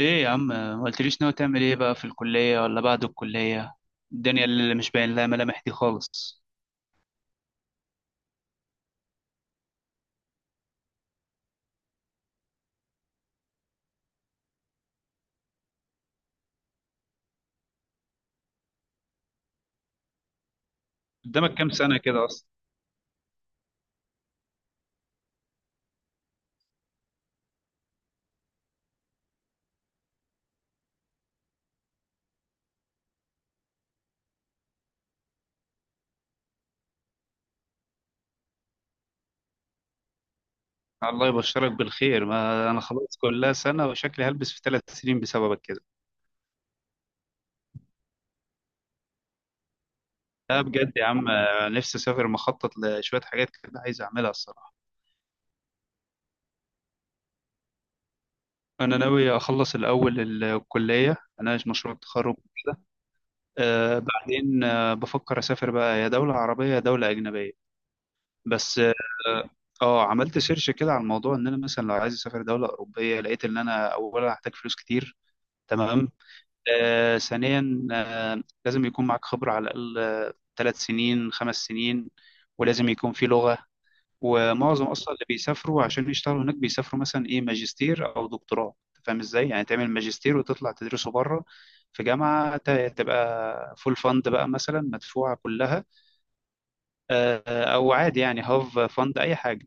ايه يا عم، ما قلتليش ناوي تعمل ايه بقى في الكلية ولا بعد الكلية؟ الدنيا اللي مش باين لها ملامح دي خالص. قدامك كام سنة كده اصلا؟ الله يبشرك بالخير، ما انا خلاص كلها سنة وشكلي هلبس في ثلاث سنين بسببك كده. لا بجد يا عم، نفسي اسافر، مخطط لشوية حاجات كده عايز اعملها الصراحة. انا ناوي اخلص الاول الكلية، اناقش مشروع التخرج. بعدين بفكر اسافر بقى، يا دولة عربية يا دولة اجنبية. بس عملت سيرش كده على الموضوع، ان انا مثلا لو عايز اسافر دوله اوروبيه، لقيت ان انا اولا هحتاج فلوس كتير. تمام. ثانيا، لازم يكون معاك خبره، على الاقل ثلاث سنين خمس سنين. ولازم يكون في لغه. ومعظم اصلا اللي بيسافروا عشان يشتغلوا هناك، بيسافروا مثلا ايه، ماجستير او دكتوراه. أنت فاهم ازاي؟ يعني تعمل ماجستير وتطلع تدرسه بره في تبقى فول فند بقى مثلا، مدفوعة كلها. أو عادي يعني، هاف فند أي حاجة.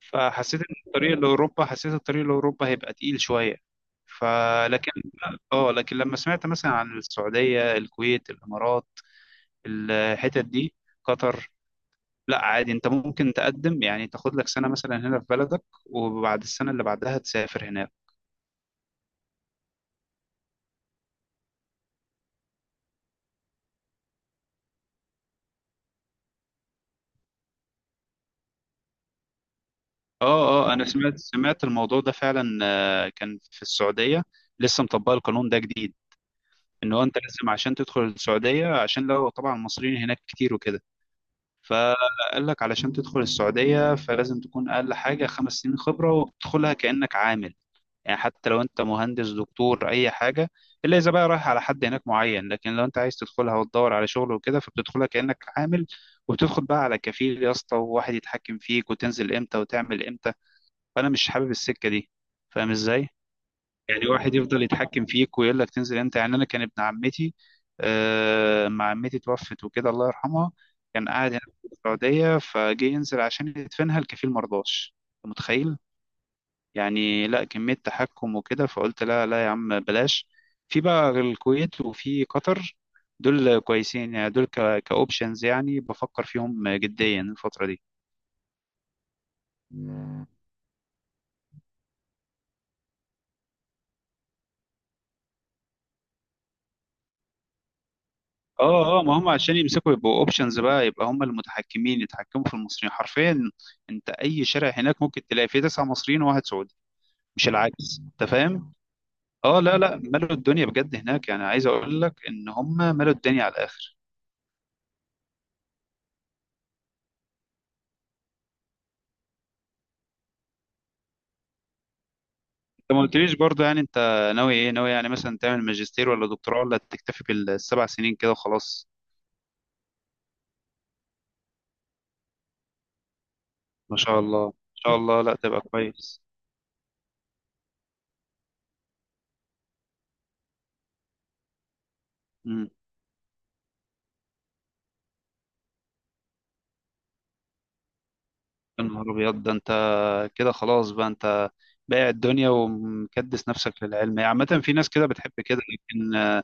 فحسيت ان الطريق لاوروبا هيبقى تقيل شويه. فلكن اه لكن لما سمعت مثلا عن السعوديه، الكويت، الامارات، الحتت دي، قطر، لا عادي انت ممكن تقدم، يعني تاخد لك سنه مثلا هنا في بلدك، وبعد السنه اللي بعدها تسافر هناك. اه اه، انا سمعت الموضوع ده فعلا. كان في السعوديه لسه مطبق القانون ده جديد، ان هو انت لازم عشان تدخل السعوديه، عشان لو طبعا المصريين هناك كتير وكده، فقال لك علشان تدخل السعودية فلازم تكون أقل حاجة خمس سنين خبرة، وبتدخلها كأنك عامل. يعني حتى لو أنت مهندس دكتور أي حاجة، إلا إذا بقى رايح على حد هناك معين، لكن لو أنت عايز تدخلها وتدور على شغل وكده فبتدخلها كأنك عامل. وبتدخل بقى على كفيل يا اسطى، وواحد يتحكم فيك وتنزل إمتى وتعمل إمتى. فأنا مش حابب السكة دي. فاهم إزاي؟ يعني واحد يفضل يتحكم فيك ويقول لك تنزل امتى. يعني انا كان ابن عمتي، ما عمتي توفت وكده الله يرحمها، كان قاعد هنا في السعوديه، فجه ينزل عشان يدفنها، الكفيل مرضاش. أنت متخيل؟ يعني لا، كميه تحكم وكده. فقلت لا لا يا عم، بلاش. في بقى الكويت، وفي قطر، دول كويسين يعني، دول كاوبشنز، يعني بفكر فيهم جديا الفتره دي. اه اه، ما هم عشان يمسكوا يبقوا اوبشنز بقى، يبقى هم المتحكمين، يتحكموا في المصريين حرفيا. انت اي شارع هناك ممكن تلاقي فيه تسعة مصريين وواحد سعودي، مش العكس. انت فاهم؟ اه لا لا، ملوا الدنيا بجد هناك، يعني عايز اقول لك ان هم ملوا الدنيا على الاخر. انت ما قلتليش برضه، يعني انت ناوي يعني مثلا تعمل ماجستير ولا دكتوراه، ولا تكتفي بالسبع سنين كده وخلاص؟ ما شاء الله، لا تبقى كويس. يا نهار ابيض، ده انت كده خلاص بقى انت بايع الدنيا ومكدس نفسك للعلم. هي عامة في ناس كده بتحب كده، لكن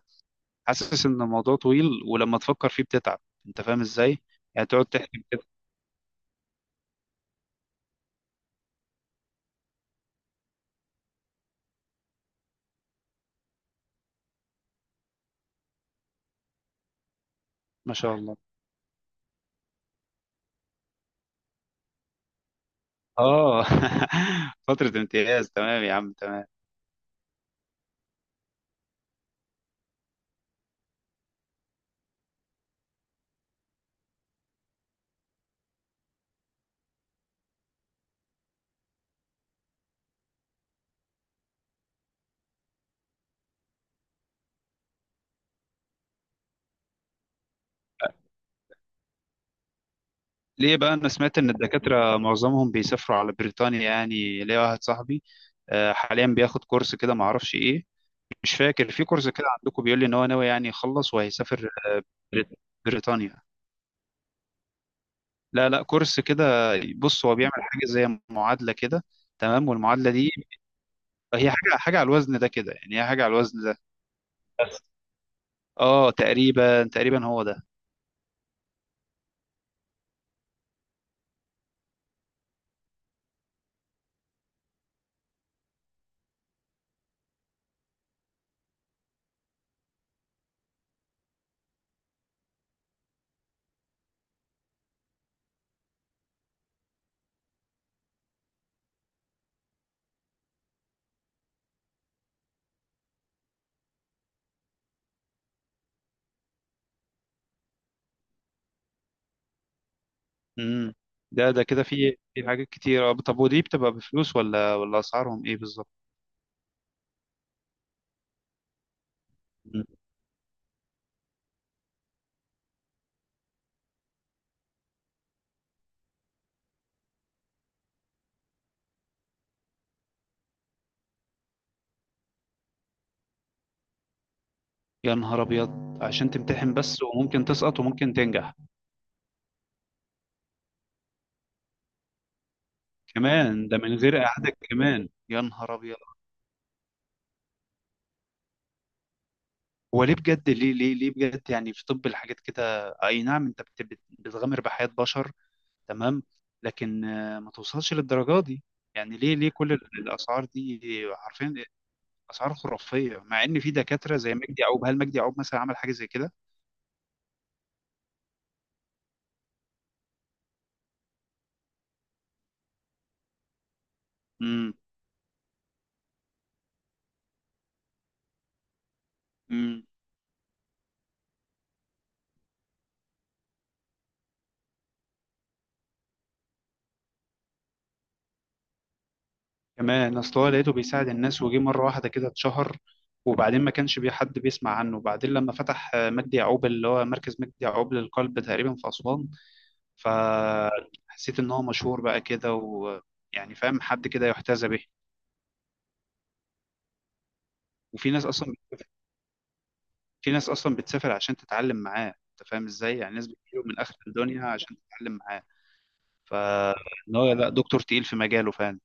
حاسس ان الموضوع طويل، ولما تفكر فيه بتتعب. انت فاهم ازاي؟ يعني تقعد تحكي كده. ما شاء الله. اه فترة امتياز، تمام يا عم تمام. ليه بقى؟ انا سمعت ان الدكاترة معظمهم بيسافروا على بريطانيا. يعني ليا واحد صاحبي حاليا بياخد كورس كده معرفش ايه، مش فاكر في كورس كده عندكم، بيقول لي ان هو ناوي يعني يخلص وهيسافر. بريط- بريطانيا. لا لا، كورس كده. بص هو بيعمل حاجة زي معادلة كده، تمام؟ والمعادلة دي هي حاجة على الوزن ده كده، يعني هي حاجة على الوزن ده. اه، تقريبا هو ده. امم. ده كده في حاجات كتير. طب، ودي بتبقى بفلوس، ولا اسعارهم ايه بالظبط؟ مم. يا نهار ابيض، عشان تمتحن بس وممكن تسقط وممكن تنجح؟ كمان ده من غير اعادة؟ كمان يا نهار ابيض. هو ليه بجد؟ ليه بجد؟ يعني في طب، الحاجات كده اي نعم، انت بتغامر بحياة بشر، تمام، لكن ما توصلش للدرجة دي. يعني ليه؟ كل الاسعار دي؟ عارفين، اسعار خرافيه، مع ان في دكاتره زي مجدي يعقوب. هل مجدي يعقوب مثلا عمل حاجه زي كده؟ امم امم كمان اصل هو لقيته بيساعد الناس، وجي مره واحده كده اتشهر، وبعدين ما كانش بي حد بيسمع عنه. وبعدين لما فتح مجدي يعقوب، اللي هو مركز مجدي يعقوب للقلب تقريبا في اسوان، فحسيت ان هو مشهور بقى كده، ويعني فاهم، حد كده يحتذى به. وفي ناس اصلا في ناس اصلا بتسافر عشان تتعلم معاه. انت فاهم ازاي؟ يعني ناس بتجيله من اخر الدنيا عشان تتعلم معاه. فان هو لا، دكتور تقيل في مجاله فعلا.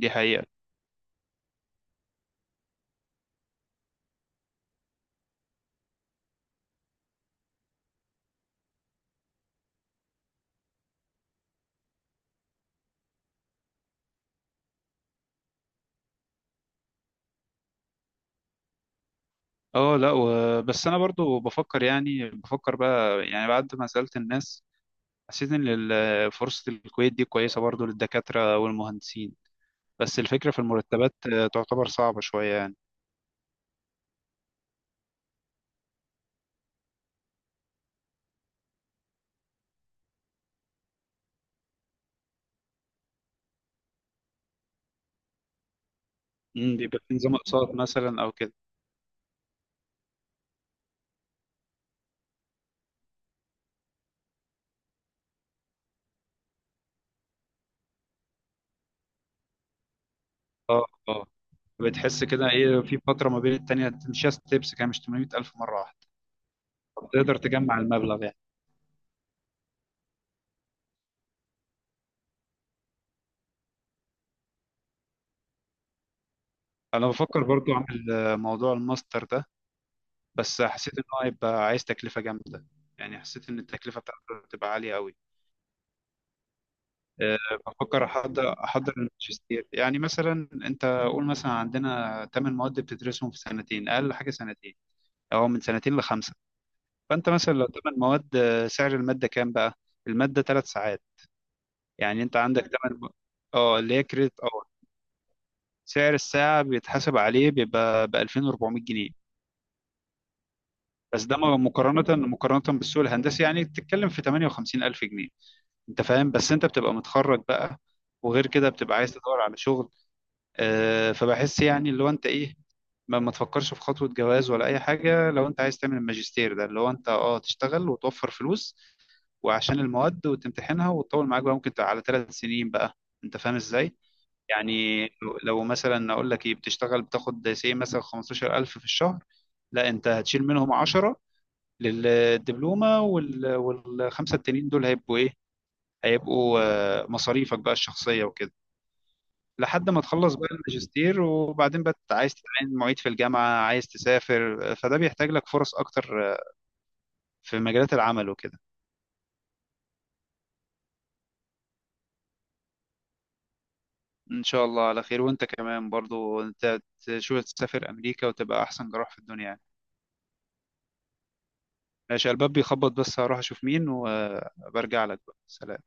دي حقيقة. اه، لا بس انا برضو بفكر، يعني بفكر بقى يعني بعد ما سألت الناس، حسيت ان فرصة الكويت دي كويسة برضو للدكاترة والمهندسين، بس الفكرة في المرتبات، تعتبر صعبة شوية يعني. بيبقى في نظام اقساط مثلا او كده. اه اه، بتحس كده ايه، في فترة ما بين التانية تمشيها ستيبس كده، مش 800 ألف مرة واحدة، تقدر تجمع المبلغ يعني. انا بفكر برضو اعمل موضوع الماستر ده، بس حسيت ان هو هيبقى عايز تكلفه جامده. يعني حسيت ان التكلفه بتاعته هتبقى عاليه قوي. آه، بفكر احضر الماجستير، يعني مثلا انت قول مثلا عندنا 8 مواد بتدرسهم في سنتين، اقل حاجه سنتين او من سنتين لخمسه. فانت مثلا لو 8 مواد، سعر الماده كام بقى؟ الماده 3 ساعات، يعني انت عندك 8، اه اللي هي كريدت اور. سعر الساعه بيتحسب عليه بيبقى ب 2400 جنيه، بس ده مقارنة بالسوق الهندسي، يعني بتتكلم في 58 ألف جنيه. أنت فاهم؟ بس أنت بتبقى متخرج بقى، وغير كده بتبقى عايز تدور على شغل. فبحس يعني، اللي هو أنت إيه، ما تفكرش في خطوة جواز ولا أي حاجة لو أنت عايز تعمل الماجستير ده، اللي هو أنت أه تشتغل وتوفر فلوس، وعشان المواد وتمتحنها وتطول معاك بقى، ممكن تبقى على ثلاث سنين بقى. أنت فاهم إزاي؟ يعني لو مثلا أقول لك إيه، بتشتغل بتاخد سي مثلا 15000 في الشهر. لا أنت هتشيل منهم 10 للدبلومة والخمسة التانيين دول هيبقوا إيه؟ هيبقوا مصاريفك بقى الشخصية وكده، لحد ما تخلص بقى الماجستير. وبعدين بقى عايز تتعين معيد في الجامعة، عايز تسافر، فده بيحتاج لك فرص أكتر، في مجالات العمل وكده. إن شاء الله على خير. وأنت كمان برضو، أنت تشوف تسافر أمريكا وتبقى أحسن جراح في الدنيا يعني. ماشي، الباب بيخبط بس، هروح أشوف مين وبرجع لك بقى. سلام.